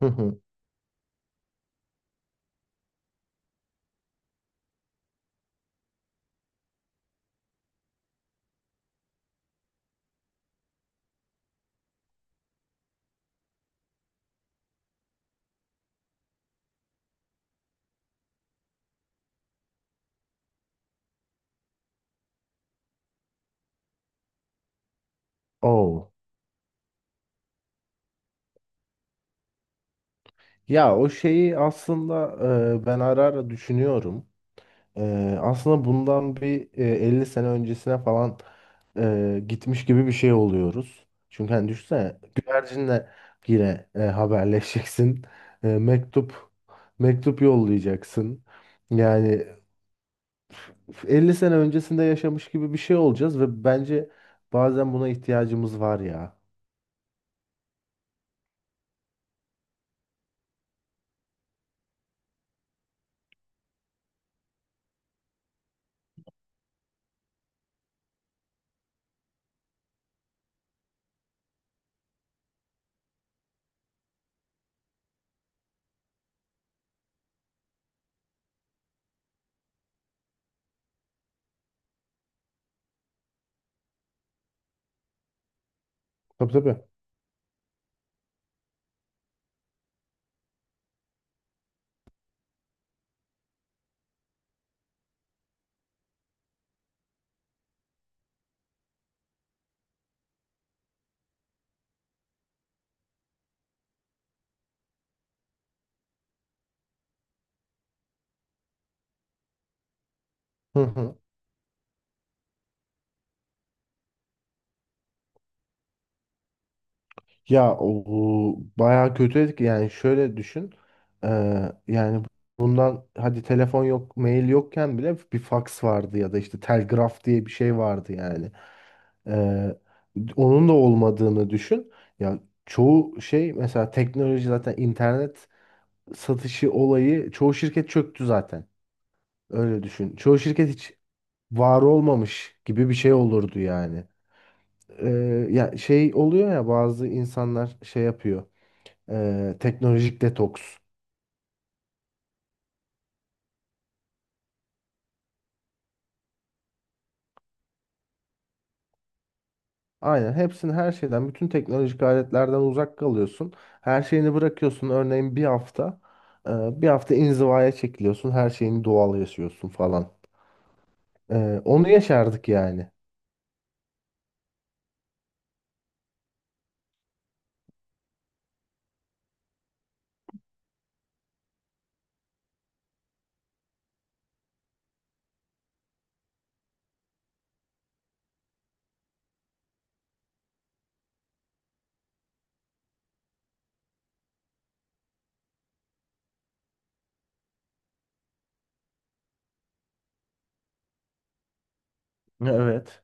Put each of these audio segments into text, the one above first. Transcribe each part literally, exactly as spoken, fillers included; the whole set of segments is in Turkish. Hı hı. Oo. Ya o şeyi aslında e, ben ara ara düşünüyorum. E, aslında bundan bir e, elli sene öncesine falan e, gitmiş gibi bir şey oluyoruz. Çünkü hani düşünsene güvercinle yine e, haberleşeceksin. E, mektup mektup yollayacaksın. Yani elli sene öncesinde yaşamış gibi bir şey olacağız ve bence bazen buna ihtiyacımız var ya. Tabii tabii. Hı hı. Ya o bu bayağı kötü etki, yani şöyle düşün. Eee, yani bundan hadi telefon yok, mail yokken bile bir faks vardı ya da işte telgraf diye bir şey vardı. Yani Eee, onun da olmadığını düşün. Ya çoğu şey, mesela teknoloji, zaten internet satışı olayı, çoğu şirket çöktü zaten. Öyle düşün, çoğu şirket hiç var olmamış gibi bir şey olurdu yani. Eee, ya şey oluyor ya, bazı insanlar şey yapıyor, ee, teknolojik detoks. Aynen, hepsini, her şeyden, bütün teknolojik aletlerden uzak kalıyorsun. Her şeyini bırakıyorsun. Örneğin bir hafta e, bir hafta inzivaya çekiliyorsun. Her şeyini doğal yaşıyorsun falan. Ee, onu yaşardık yani. Evet.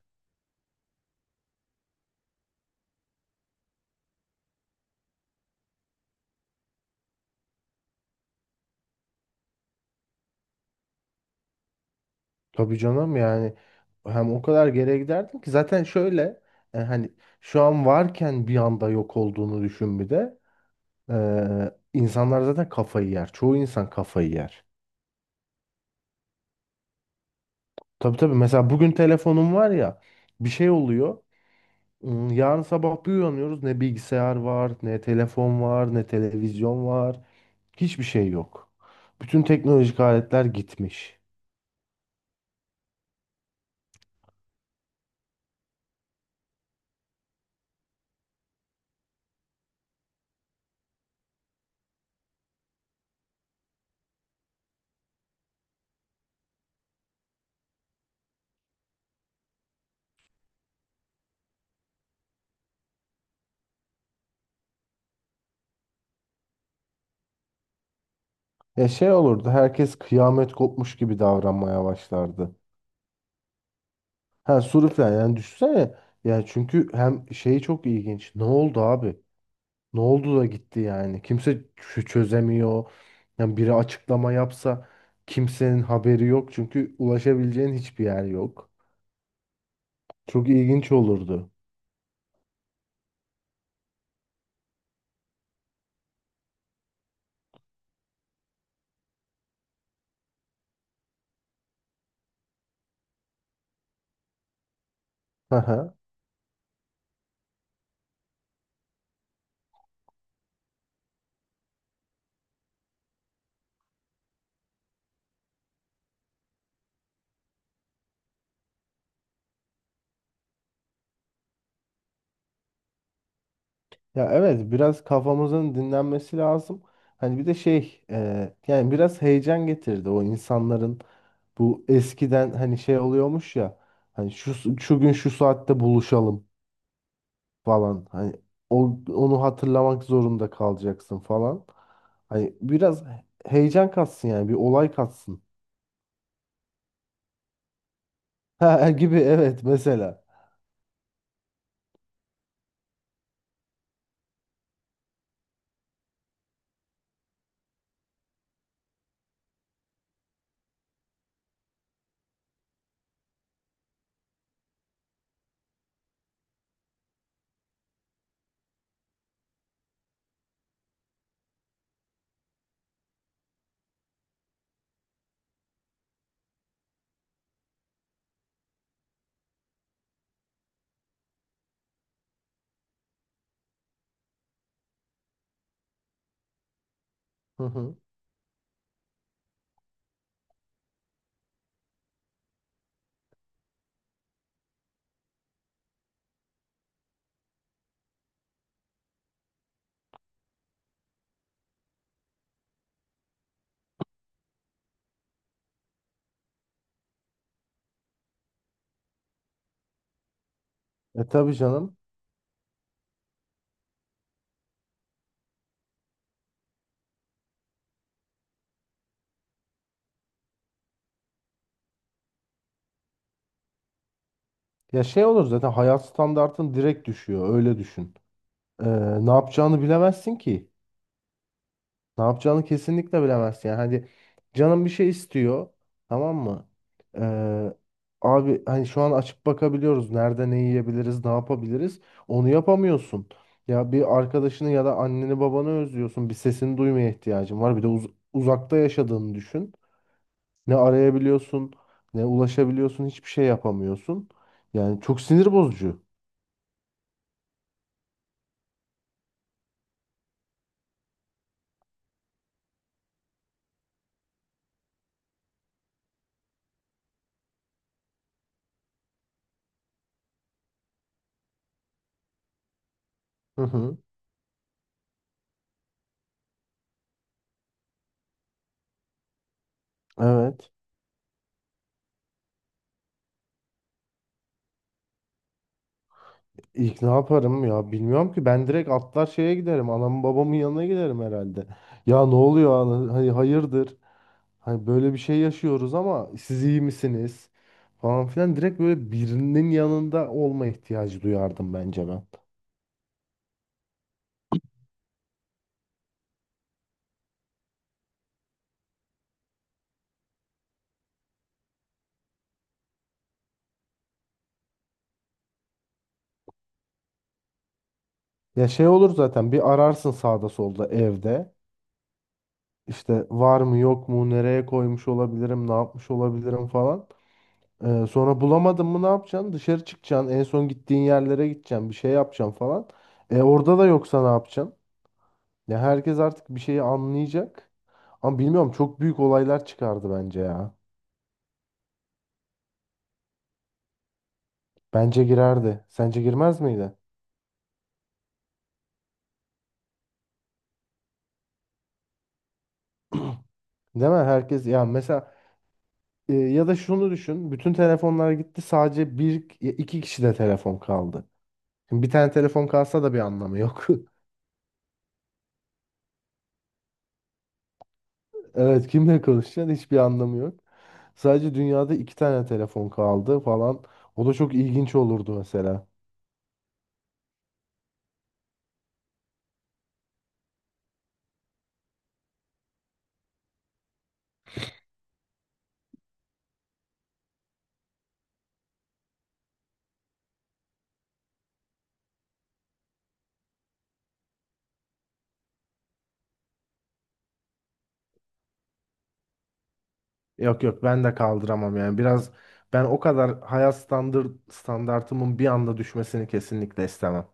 Tabii canım, yani hem o kadar geriye giderdim ki zaten. Şöyle e, hani şu an varken bir anda yok olduğunu düşün bir de. Ee, insanlar zaten kafayı yer. Çoğu insan kafayı yer. Tabii tabii. Mesela bugün telefonum var ya, bir şey oluyor. Hmm, Yarın sabah bir uyanıyoruz. Ne bilgisayar var, ne telefon var, ne televizyon var. Hiçbir şey yok. Bütün teknolojik aletler gitmiş. Ya şey olurdu, herkes kıyamet kopmuş gibi davranmaya başlardı. Ha sürüklen, yani düşünsene. Yani çünkü hem şey çok ilginç. Ne oldu abi? Ne oldu da gitti yani? Kimse ç- çözemiyor. Yani biri açıklama yapsa kimsenin haberi yok, çünkü ulaşabileceğin hiçbir yer yok. Çok ilginç olurdu. Aha. Ya evet, biraz kafamızın dinlenmesi lazım. Hani bir de şey, e, yani biraz heyecan getirdi o insanların. Bu eskiden hani şey oluyormuş ya, hani şu şu gün şu saatte buluşalım falan. Hani o, onu hatırlamak zorunda kalacaksın falan. Hani biraz heyecan katsın, yani bir olay katsın. Ha gibi, evet, mesela. Hı hı. E tabii canım. Ya şey olur, zaten hayat standartın direkt düşüyor, öyle düşün. Ee, Ne yapacağını bilemezsin ki. Ne yapacağını kesinlikle bilemezsin. Yani hadi, canım bir şey istiyor. Tamam mı? Ee, Abi hani şu an açıp bakabiliyoruz. Nerede ne yiyebiliriz, ne yapabiliriz? Onu yapamıyorsun. Ya bir arkadaşını ya da anneni babanı özlüyorsun. Bir sesini duymaya ihtiyacın var. Bir de uz- uzakta yaşadığını düşün. Ne arayabiliyorsun, ne ulaşabiliyorsun. Hiçbir şey yapamıyorsun. Yani çok sinir bozucu. Hı hı. Evet. İlk ne yaparım ya, bilmiyorum ki. Ben direkt atlar şeye giderim, anamın babamın yanına giderim herhalde. Ya ne oluyor ana- hani hayırdır, hani böyle bir şey yaşıyoruz ama siz iyi misiniz, falan filan. Direkt böyle birinin yanında olma ihtiyacı duyardım bence ben. Ya şey olur, zaten bir ararsın sağda solda evde, işte var mı yok mu, nereye koymuş olabilirim, ne yapmış olabilirim falan. Ee, sonra bulamadın mı ne yapacaksın? Dışarı çıkacaksın. En son gittiğin yerlere gideceksin. Bir şey yapacaksın falan. E, orada da yoksa ne yapacaksın? Ya herkes artık bir şeyi anlayacak. Ama bilmiyorum, çok büyük olaylar çıkardı bence ya. Bence girerdi. Sence girmez miydi? Değil mi? Herkes, ya mesela e, ya da şunu düşün. Bütün telefonlar gitti, sadece bir iki kişi de telefon kaldı. Şimdi bir tane telefon kalsa da bir anlamı yok. Evet, kimle konuşacaksın? Hiçbir anlamı yok. Sadece dünyada iki tane telefon kaldı falan. O da çok ilginç olurdu mesela. Yok yok, ben de kaldıramam yani. Biraz ben o kadar hayat standart standartımın bir anda düşmesini kesinlikle istemem.